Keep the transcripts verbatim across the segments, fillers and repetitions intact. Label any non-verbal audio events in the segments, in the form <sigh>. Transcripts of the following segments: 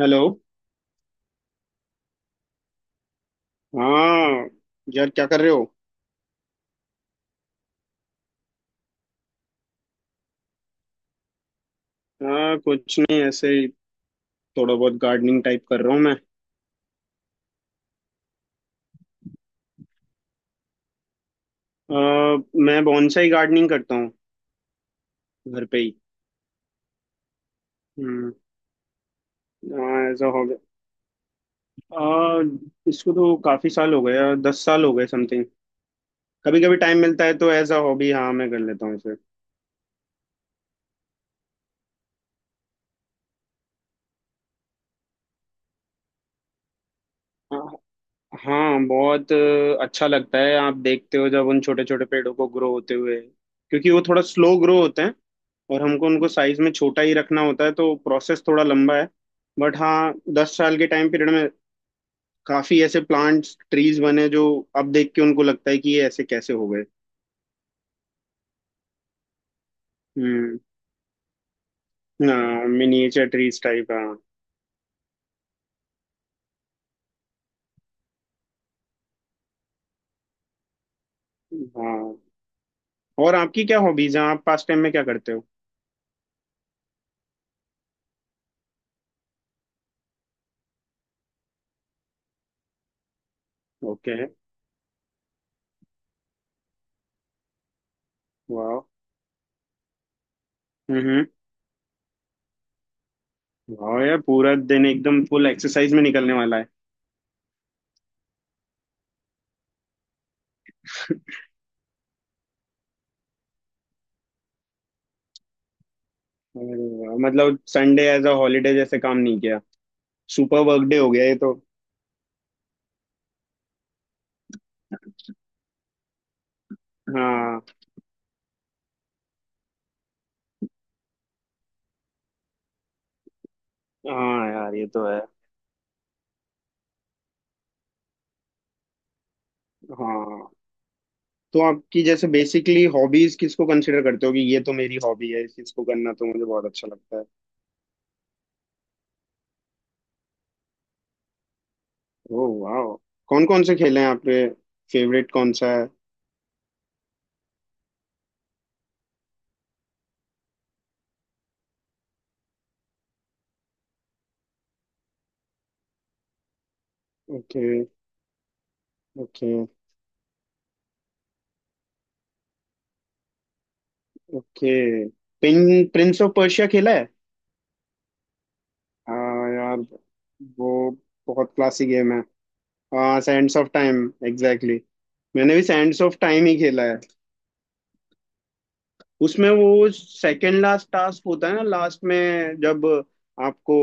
Hello. हाँ। यार, क्या कर रहे हो? हाँ, कुछ नहीं, ऐसे ही। थोड़ा बहुत गार्डनिंग टाइप कर रहा हूँ मैं। अ, मैं बॉन्साई गार्डनिंग करता हूँ। घर पे ही। हम्म। हाँ, ऐसा हो गया। अ, इसको तो काफी साल हो गए। दस साल हो गए समथिंग। कभी कभी टाइम मिलता है तो एज अ हॉबी, हाँ, मैं कर लेता हूँ इसे। हाँ, बहुत अ, अच्छा लगता है, आप देखते हो जब उन छोटे छोटे पेड़ों को ग्रो होते हुए। क्योंकि वो थोड़ा स्लो ग्रो होते हैं। और हमको उनको साइज में छोटा ही रखना होता है, तो प्रोसेस थोड़ा लंबा है। बट हाँ, दस साल के टाइम पीरियड में काफी ऐसे प्लांट्स ट्रीज बने जो अब देख के उनको लगता है कि ये ऐसे कैसे हो गए। हम्म। हाँ, मिनिएचर ट्रीज टाइप। हाँ। हाँ, और आपकी क्या हॉबीज हैं? आप पास टाइम में क्या करते हो? ओके। वाह। हम्म। वाह यार, पूरा दिन एकदम फुल एक्सरसाइज में निकलने वाला है। अरे वाह, मतलब संडे एज अ हॉलीडे जैसे काम नहीं किया। सुपर वर्क डे हो गया ये तो। हाँ। हाँ यार, ये तो है। हाँ, तो आपकी जैसे बेसिकली हॉबीज किसको कंसिडर करते हो कि ये तो मेरी हॉबी है, इस चीज को करना तो मुझे बहुत अच्छा लगता है। ओह वाह! कौन कौन से खेल हैं आपके? फेवरेट कौन सा है? Okay. Okay. Okay. Prince of Persia खेला है? हाँ यार, वो बहुत क्लासिक गेम है। हाँ, सैंड्स ऑफ टाइम। एग्जैक्टली। मैंने भी सैंड्स ऑफ टाइम ही खेला है। उसमें वो सेकंड लास्ट टास्क होता है ना, लास्ट में जब आपको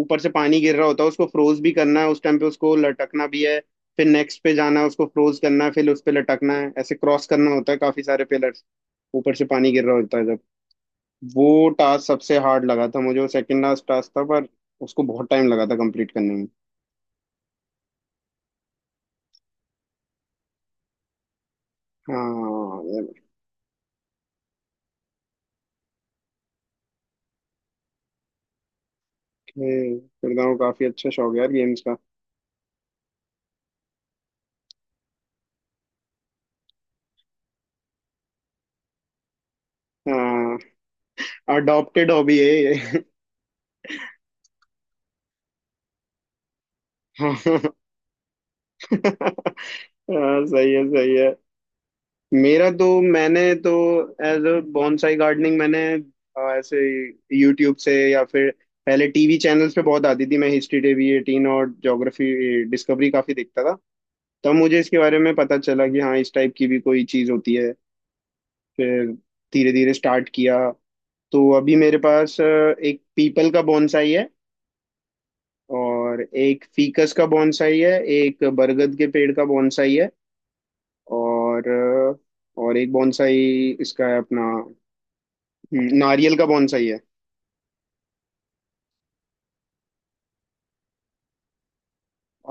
ऊपर से पानी गिर रहा होता है, उसको फ्रोज भी करना है, उस टाइम पे उसको लटकना भी है। फिर नेक्स्ट पे जाना है, उसको फ्रोज करना है, फिर उस पे लटकना है, ऐसे क्रॉस करना होता है काफी सारे पिलर्स, ऊपर से पानी गिर रहा होता है जब। वो टास्क सबसे हार्ड लगा था मुझे, वो सेकंड लास्ट टास्क था, पर उसको बहुत टाइम लगा था कंप्लीट करने में। हाँ यार, खेलता हूँ काफी। अच्छा शौक है यार गेम्स का। हाँ, अडॉप्टेड हॉबी है ये। <laughs> हाँ, सही है, सही है। मेरा तो, मैंने तो एज अ बॉन्साई गार्डनिंग, मैंने अ, ऐसे, यूट्यूब से या फिर पहले टीवी चैनल्स पे बहुत आती थी, मैं हिस्ट्री टीवी एटीन और ज्योग्राफी डिस्कवरी काफी देखता था। तब मुझे इसके बारे में पता चला कि हाँ, इस टाइप की भी कोई चीज़ होती है। फिर धीरे धीरे स्टार्ट किया। तो अभी मेरे पास अ, एक पीपल का बॉन्साई है। और एक फीकस का बॉन्साई है, एक बरगद के पेड़ का बॉन्साई है। और और एक बॉन्साई इसका है अपना। हम्म, नारियल का बॉन्साई है।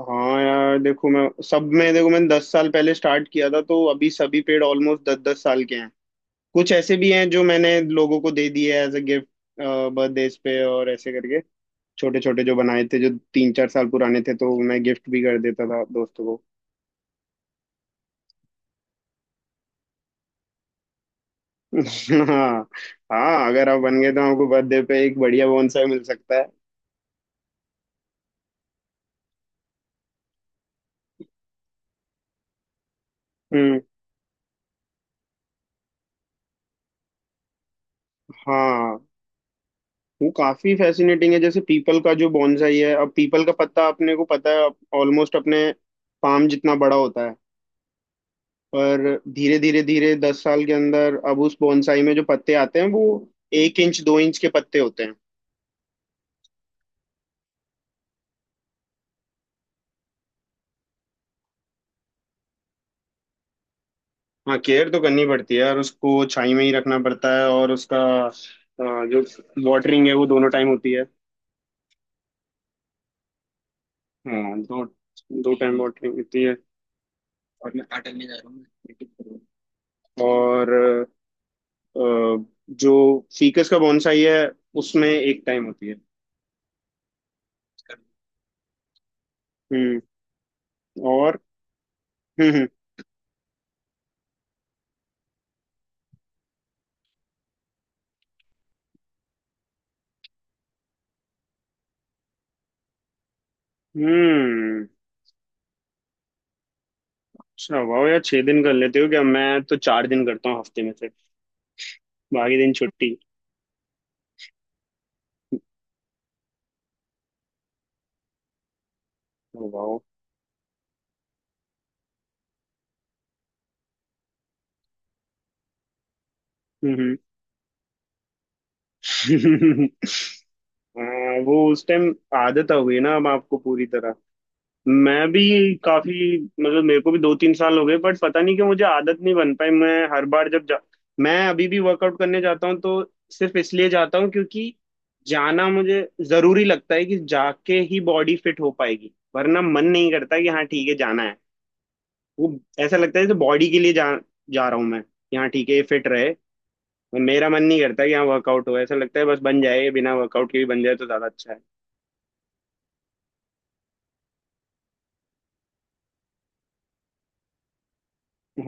हाँ यार देखो, मैं सब में, देखो, मैंने दस साल पहले स्टार्ट किया था, तो अभी सभी पेड़ ऑलमोस्ट दस दस साल के हैं। कुछ ऐसे भी हैं जो मैंने लोगों को दे दिए एज अ गिफ्ट, बर्थडेज पे और ऐसे करके। छोटे छोटे जो बनाए थे जो तीन चार साल पुराने थे, तो मैं गिफ्ट भी कर देता था दोस्तों को। हाँ। हाँ, अगर आप बन गए तो आपको बर्थडे पे एक बढ़िया बोनसाई मिल सकता है। हम्म। हाँ, वो काफी फैसिनेटिंग है। जैसे पीपल का जो बॉन्साई है, अब पीपल का पत्ता अपने को पता है, ऑलमोस्ट अपने पाम जितना बड़ा होता है। पर धीरे धीरे धीरे दस साल के अंदर अब उस बॉन्साई में जो पत्ते आते हैं वो एक इंच दो इंच के पत्ते होते हैं। हाँ, केयर तो करनी पड़ती है, और उसको छाई में ही रखना पड़ता है। और उसका अ, जो वाटरिंग है वो दोनों टाइम होती है। हाँ, दो। दो टाइम वाटरिंग होती है। और मैं आटा लेने जा रहा हूँ, मैं practice करूंगा। और अ, जो फीकस का बोनसाई है, उसमें एक टाइम होती है। हम्म। और। हम्म। हम्म। हम्म, अच्छा, वाह यार, छह दिन कर लेते हो क्या? मैं तो चार दिन करता हूँ हफ्ते में से। बाकी दिन छुट्टी। वाह। हम्म। हम्म। <laughs> हाँ, वो उस टाइम आदत हो गई ना, अब आपको पूरी तरह। मैं भी काफी, मतलब मेरे को भी दो तीन साल हो गए, बट पता नहीं क्यों मुझे आदत नहीं बन पाई। मैं हर बार जब जा, मैं अभी भी वर्कआउट करने जाता हूँ तो सिर्फ इसलिए जाता हूँ क्योंकि जाना मुझे जरूरी लगता है कि जाके ही बॉडी फिट हो पाएगी, वरना मन नहीं करता कि हाँ ठीक है जाना है। वो ऐसा लगता है जैसे बॉडी के लिए जा जा रहा हूँ मैं, कि हाँ ठीक है ये फिट रहे। और मेरा मन नहीं करता कि हाँ वर्कआउट हो, ऐसा लगता है बस बन जाए, बिना वर्कआउट के भी बन जाए तो ज्यादा अच्छा है।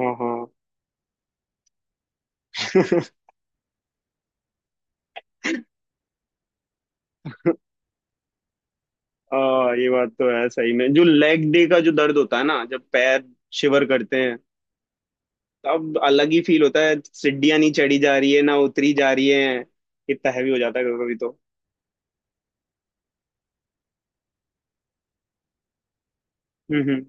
हाँ। हाँ। <laughs> आ, ये बात तो है, सही में जो लेग डे का जो दर्द होता है ना जब पैर शिवर करते हैं, तब अलग ही फील होता है। सीढ़ियां नहीं चढ़ी जा रही है, ना उतरी जा रही है। इतना हैवी हो जाता है कभी कभी तो। हम्म।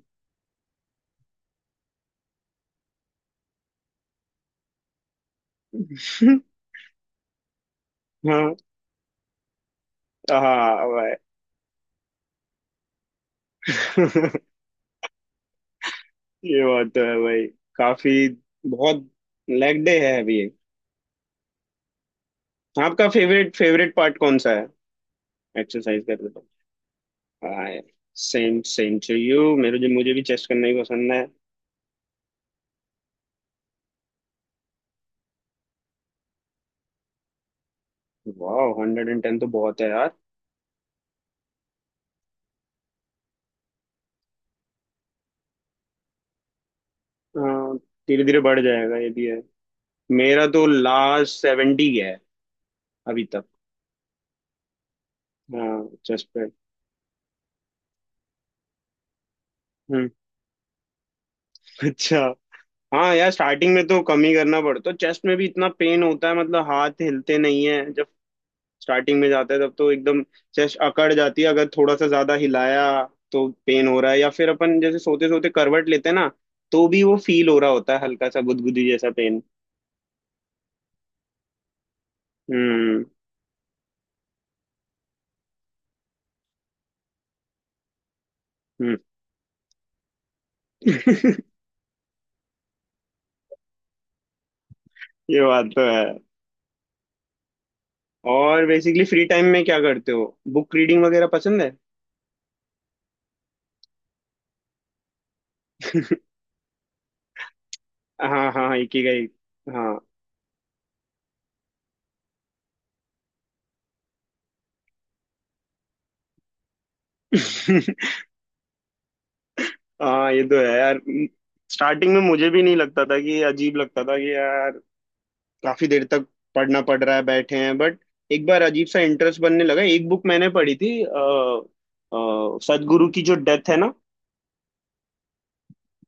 हम्म। <laughs> हाँ। हाँ भाई। <laughs> ये बात तो है भाई। काफी। बहुत। लेग डे है अभी ये। आपका फेवरेट फेवरेट पार्ट कौन सा है एक्सरसाइज करते तो? हाँ, सेम सेम टू यू। मेरे जो, मुझे भी चेस्ट करना ही पसंद है। वाह, हंड्रेड एंड टेन तो बहुत है। धीरे धीरे बढ़ जाएगा ये भी है। मेरा तो लास्ट सेवेंटी है अभी तक। हाँ, चेस्ट पे। हम्म। अच्छा। हाँ यार, स्टार्टिंग में तो कम ही करना पड़ता है। चेस्ट में भी इतना पेन होता है, मतलब हाथ हिलते नहीं है जब स्टार्टिंग में जाता है तब तो। एकदम चेस्ट अकड़ जाती है, अगर थोड़ा सा ज्यादा हिलाया तो पेन हो रहा है। या फिर अपन जैसे सोते सोते करवट लेते हैं ना, तो भी वो फील हो रहा होता है, हल्का सा गुदगुदी जैसा पेन। हम्म। हम्म। <laughs> ये बात तो है। और बेसिकली फ्री टाइम में क्या करते हो? बुक रीडिंग वगैरह पसंद है? <laughs> हाँ, हाँ, एक ही गई। हाँ। <laughs> हाँ ये तो है यार। स्टार्टिंग में मुझे भी नहीं लगता था, कि अजीब लगता था कि यार काफी देर तक पढ़ना पड़ रहा है, बैठे हैं, बट एक बार अजीब सा इंटरेस्ट बनने लगा। एक बुक मैंने पढ़ी थी आ, सदगुरु की, जो डेथ है ना।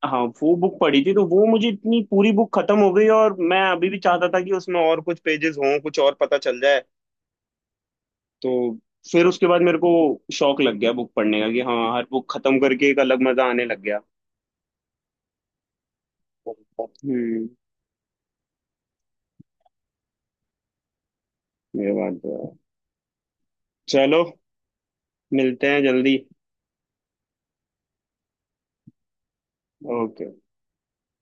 हाँ, वो बुक पढ़ी थी तो वो मुझे इतनी, पूरी बुक खत्म हो गई और मैं अभी भी चाहता था कि उसमें और कुछ पेजेस हों, कुछ और पता चल जाए। तो फिर उसके बाद मेरे को शौक लग गया बुक पढ़ने का, कि हाँ, हर बुक खत्म करके एक अलग मजा आने लग गया। हम्म। ये बात तो है। चलो, मिलते हैं जल्दी। ओके।